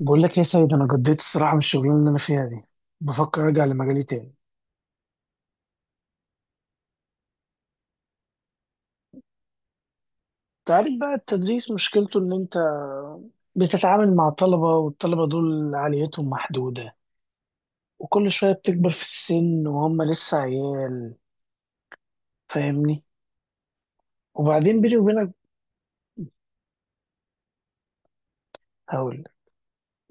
بقول لك يا سيد، انا قضيت الصراحه من الشغلانه اللي انا فيها دي. بفكر ارجع لمجالي تاني. تعرف بقى، التدريس مشكلته ان انت بتتعامل مع طلبه، والطلبه دول عاليتهم محدوده، وكل شويه بتكبر في السن وهم لسه عيال. فاهمني؟ وبعدين بيني وبينك هقول لك،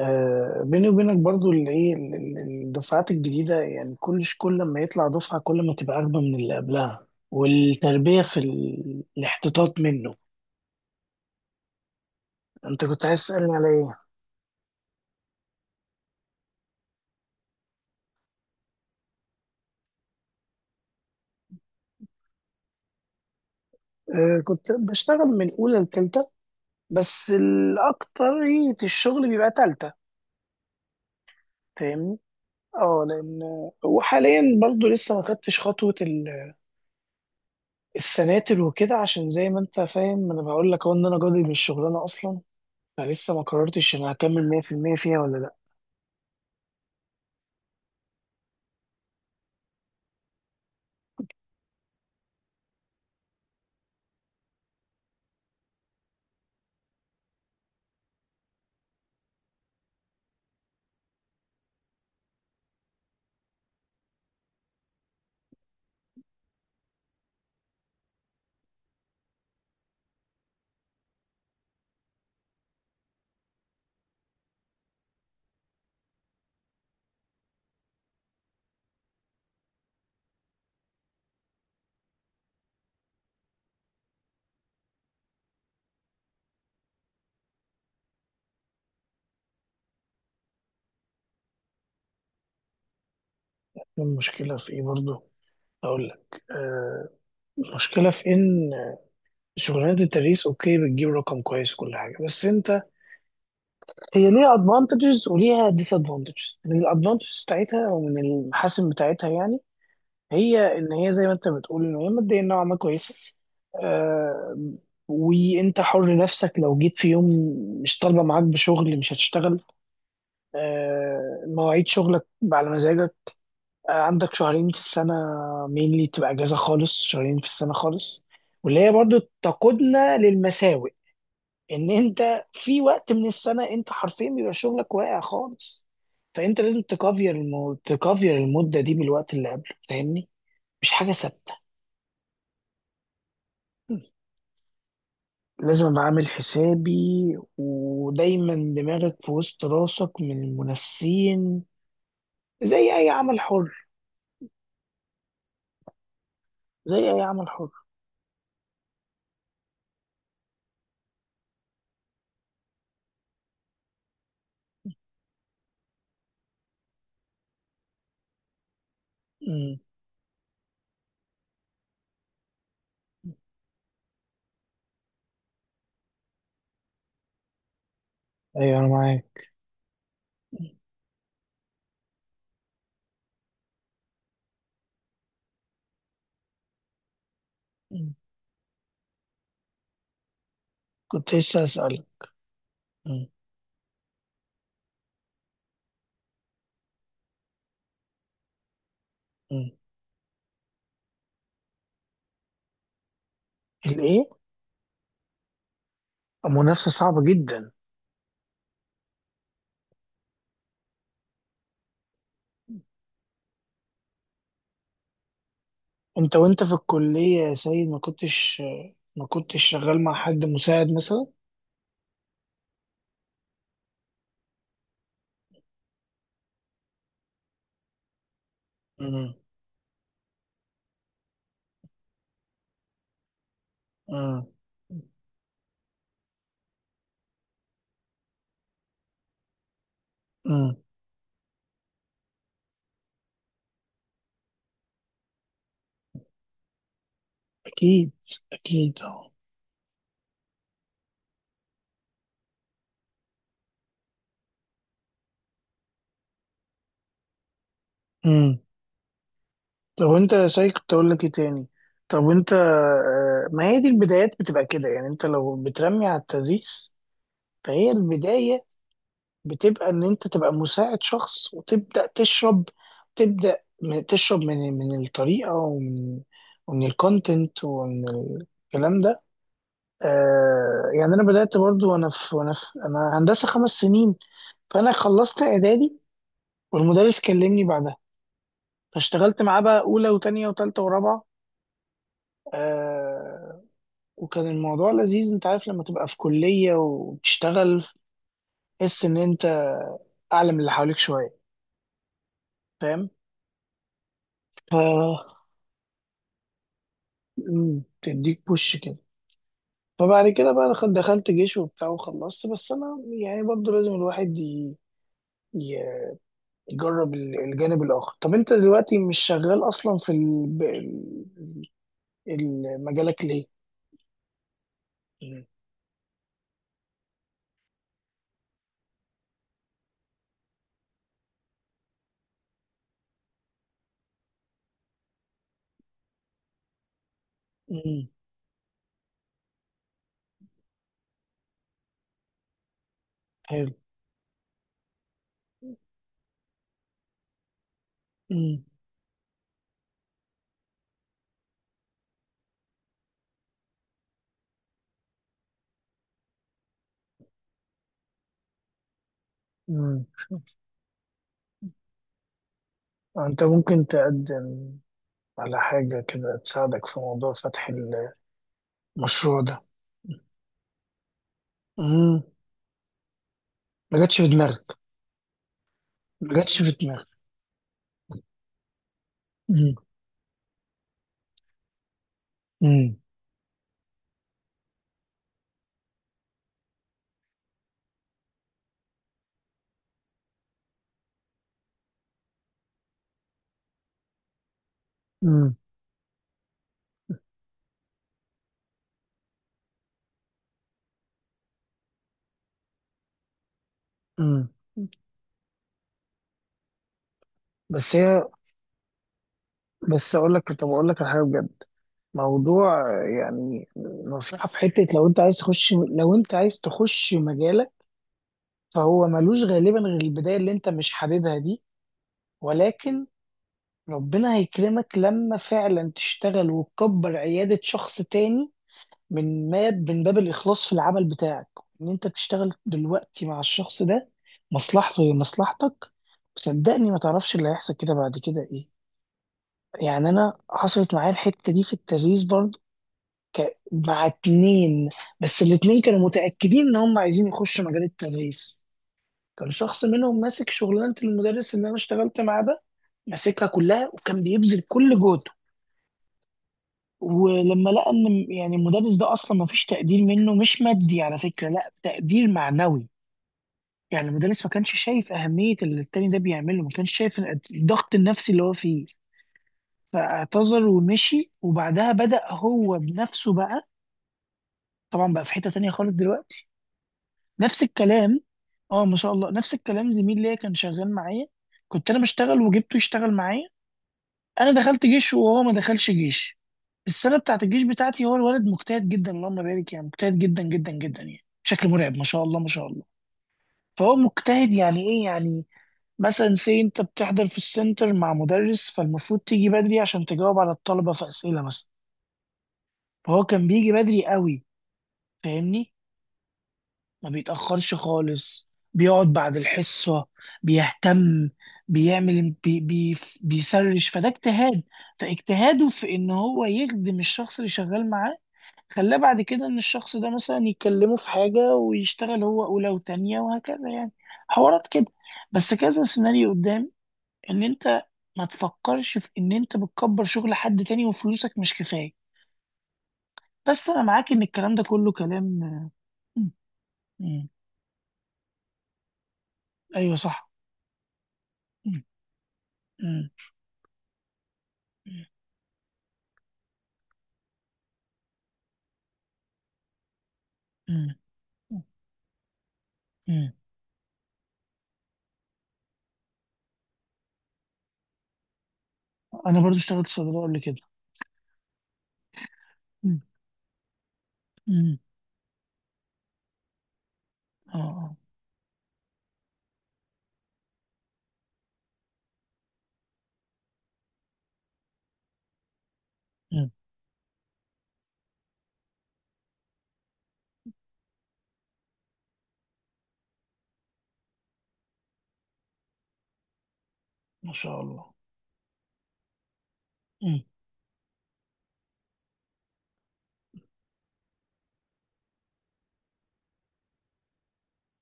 آه، بيني وبينك برضو اللي ايه الدفعات الجديده. يعني كل ما يطلع دفعه كل ما تبقى اغبى من اللي قبلها، والتربيه في الاحتطاط منه. انت كنت عايز تسالني على ايه؟ آه، كنت بشتغل من أولى لتالتة، بس الأكترية الشغل بيبقى تالتة. فاهمني؟ اه، لأن وحاليا برضو لسه ما خدتش خطوة السناتر وكده، عشان زي ما أنت فاهم أنا بقول لك أهو إن أنا جادي من الشغلانة أصلا. فلسه ما قررتش أنا هكمل 100% فيها ولا لأ. المشكلة في إيه برضو؟ أقول لك آه، المشكلة في إن شغلانة التدريس أوكي، بتجيب رقم كويس وكل حاجة، بس أنت هي ليها ادفانتجز وليها ديس ادفانتجز. من الادفانتجز بتاعتها او من المحاسن بتاعتها، يعني هي ان هي زي ما انت بتقول ان هي ماديا نوعا ما كويسه. آه، وانت حر نفسك، لو جيت في يوم مش طالبه معاك بشغل مش هتشتغل. آه، مواعيد شغلك على مزاجك. آه، عندك شهرين في السنه مينلي تبقى اجازه خالص، شهرين في السنه خالص. واللي هي برضو تقودنا للمساوئ، ان انت في وقت من السنه انت حرفيا بيبقى شغلك واقع خالص. فانت لازم تكافير المده دي بالوقت اللي قبله. فاهمني؟ مش حاجه ثابته. لازم ابقى عامل حسابي، ودايما دماغك في وسط راسك من المنافسين، زي اي عمل حر، زي اي عمل حر. مم. ايوه انا معاك. مم. مم. كنت لسه اسالك. مم. مم. الايه؟ المنافسه صعبه جدا. انت وانت في الكلية يا سيد ما كنتش، ما كنتش شغال مع حد مساعد مثلا؟ امم. امم. امم. اكيد، اكيد اه. امم. طب وانت يا سيد، كنت اقول لك ايه تاني؟ طب وانت آه، ما هي دي البدايات بتبقى كده. يعني انت لو بترمي على التدريس فهي البداية بتبقى ان انت تبقى مساعد شخص وتبدأ تشرب. تشرب من الطريقة ومن، ومن الكونتنت، ومن الكلام ده. آه، يعني انا بدات برضو وانا في وانا في انا هندسه 5 سنين. فانا خلصت اعدادي والمدرس كلمني بعدها، فاشتغلت معاه بقى اولى وتانية وتالتة ورابعه. آه. وكان الموضوع لذيذ. انت عارف لما تبقى في كليه وبتشتغل، تحس ان انت اعلى من اللي حواليك شويه. فاهم؟ ف مم، تديك بوش كده. فبعد كده بقى دخلت جيش وبتاع وخلصت، بس انا يعني برضو لازم الواحد ي... جرب الجانب الآخر. طب أنت دلوقتي مش شغال أصلا في مجالك ليه؟ مم. مم. حلو. مم. مم. أنت ممكن تقدم على حاجة كده تساعدك في موضوع فتح المشروع ده. مم. ما جاتش في دماغك؟ ما جاتش في دماغك. مم. مم. مم. مم. بس هي، بس اقول لك. طب اقول لك على حاجه بجد. موضوع، يعني نصيحه في حته. لو انت عايز تخش، لو انت عايز تخش مجالك، فهو ملوش غالبا غير البداية اللي انت مش حاببها دي. ولكن ربنا هيكرمك لما فعلا تشتغل وتكبر عيادة شخص تاني، من ما من باب الإخلاص في العمل بتاعك. ان انت تشتغل دلوقتي مع الشخص ده، مصلحته هي مصلحتك. وصدقني ما تعرفش اللي هيحصل كده بعد كده ايه. يعني انا حصلت معايا الحتة دي في التدريس برضه. مع اتنين، بس الاتنين كانوا متأكدين ان هم عايزين يخشوا مجال التدريس. كان شخص منهم ماسك شغلانة المدرس اللي أنا اشتغلت معاه ده، ماسكها كلها وكان بيبذل كل جهده. ولما لقى إن يعني المدرس ده أصلا ما فيش تقدير منه، مش مادي على فكرة، لا، تقدير معنوي. يعني المدرس ما كانش شايف أهمية اللي التاني ده بيعمله، ما كانش شايف الضغط النفسي اللي هو فيه. فاعتذر ومشي، وبعدها بدأ هو بنفسه بقى. طبعا بقى في حتة تانية خالص دلوقتي. نفس الكلام. اه، ما شاء الله. نفس الكلام. زميل ليا كان شغال معايا، كنت انا بشتغل وجبته يشتغل معايا. انا دخلت جيش وهو ما دخلش جيش. السنه بتاعت الجيش بتاعتي، هو الولد مجتهد جدا اللهم بارك. يعني مجتهد جدا جدا جدا، يعني بشكل مرعب. ما شاء الله، ما شاء الله. فهو مجتهد يعني ايه؟ يعني مثلا سي، انت بتحضر في السنتر مع مدرس، فالمفروض تيجي بدري عشان تجاوب على الطلبه في اسئله مثلا. فهو كان بيجي بدري قوي. فاهمني؟ ما بيتاخرش خالص، بيقعد بعد الحصه، بيهتم، بيعمل بي بي بيسرش. فده اجتهاد. فاجتهاده في ان هو يخدم الشخص اللي شغال معاه، خلاه بعد كده ان الشخص ده مثلا يكلمه في حاجة ويشتغل هو اولى وتانية وهكذا، يعني حوارات كده. بس كذا سيناريو قدام، ان انت ما تفكرش في ان انت بتكبر شغل حد تاني وفلوسك مش كفاية. بس انا معاك ان الكلام ده كله كلام. مم. مم. ايوه صح. مم. مم. مم. مم. انا برضو اشتغلت صيدلية قبل كده. مم. مم. اه آه. مم. ما شاء الله. مم.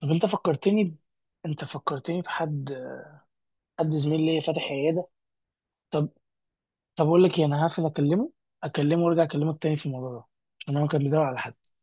طب انت فكرتني انت فكرتني بحد، حد زميل ليا فاتح عيادة. طب، طب اقول لك إيه، انا هقفل اكلمه، اكلمه وارجع اكلمك تاني في الموضوع ده، عشان هو كان بيدور على حد.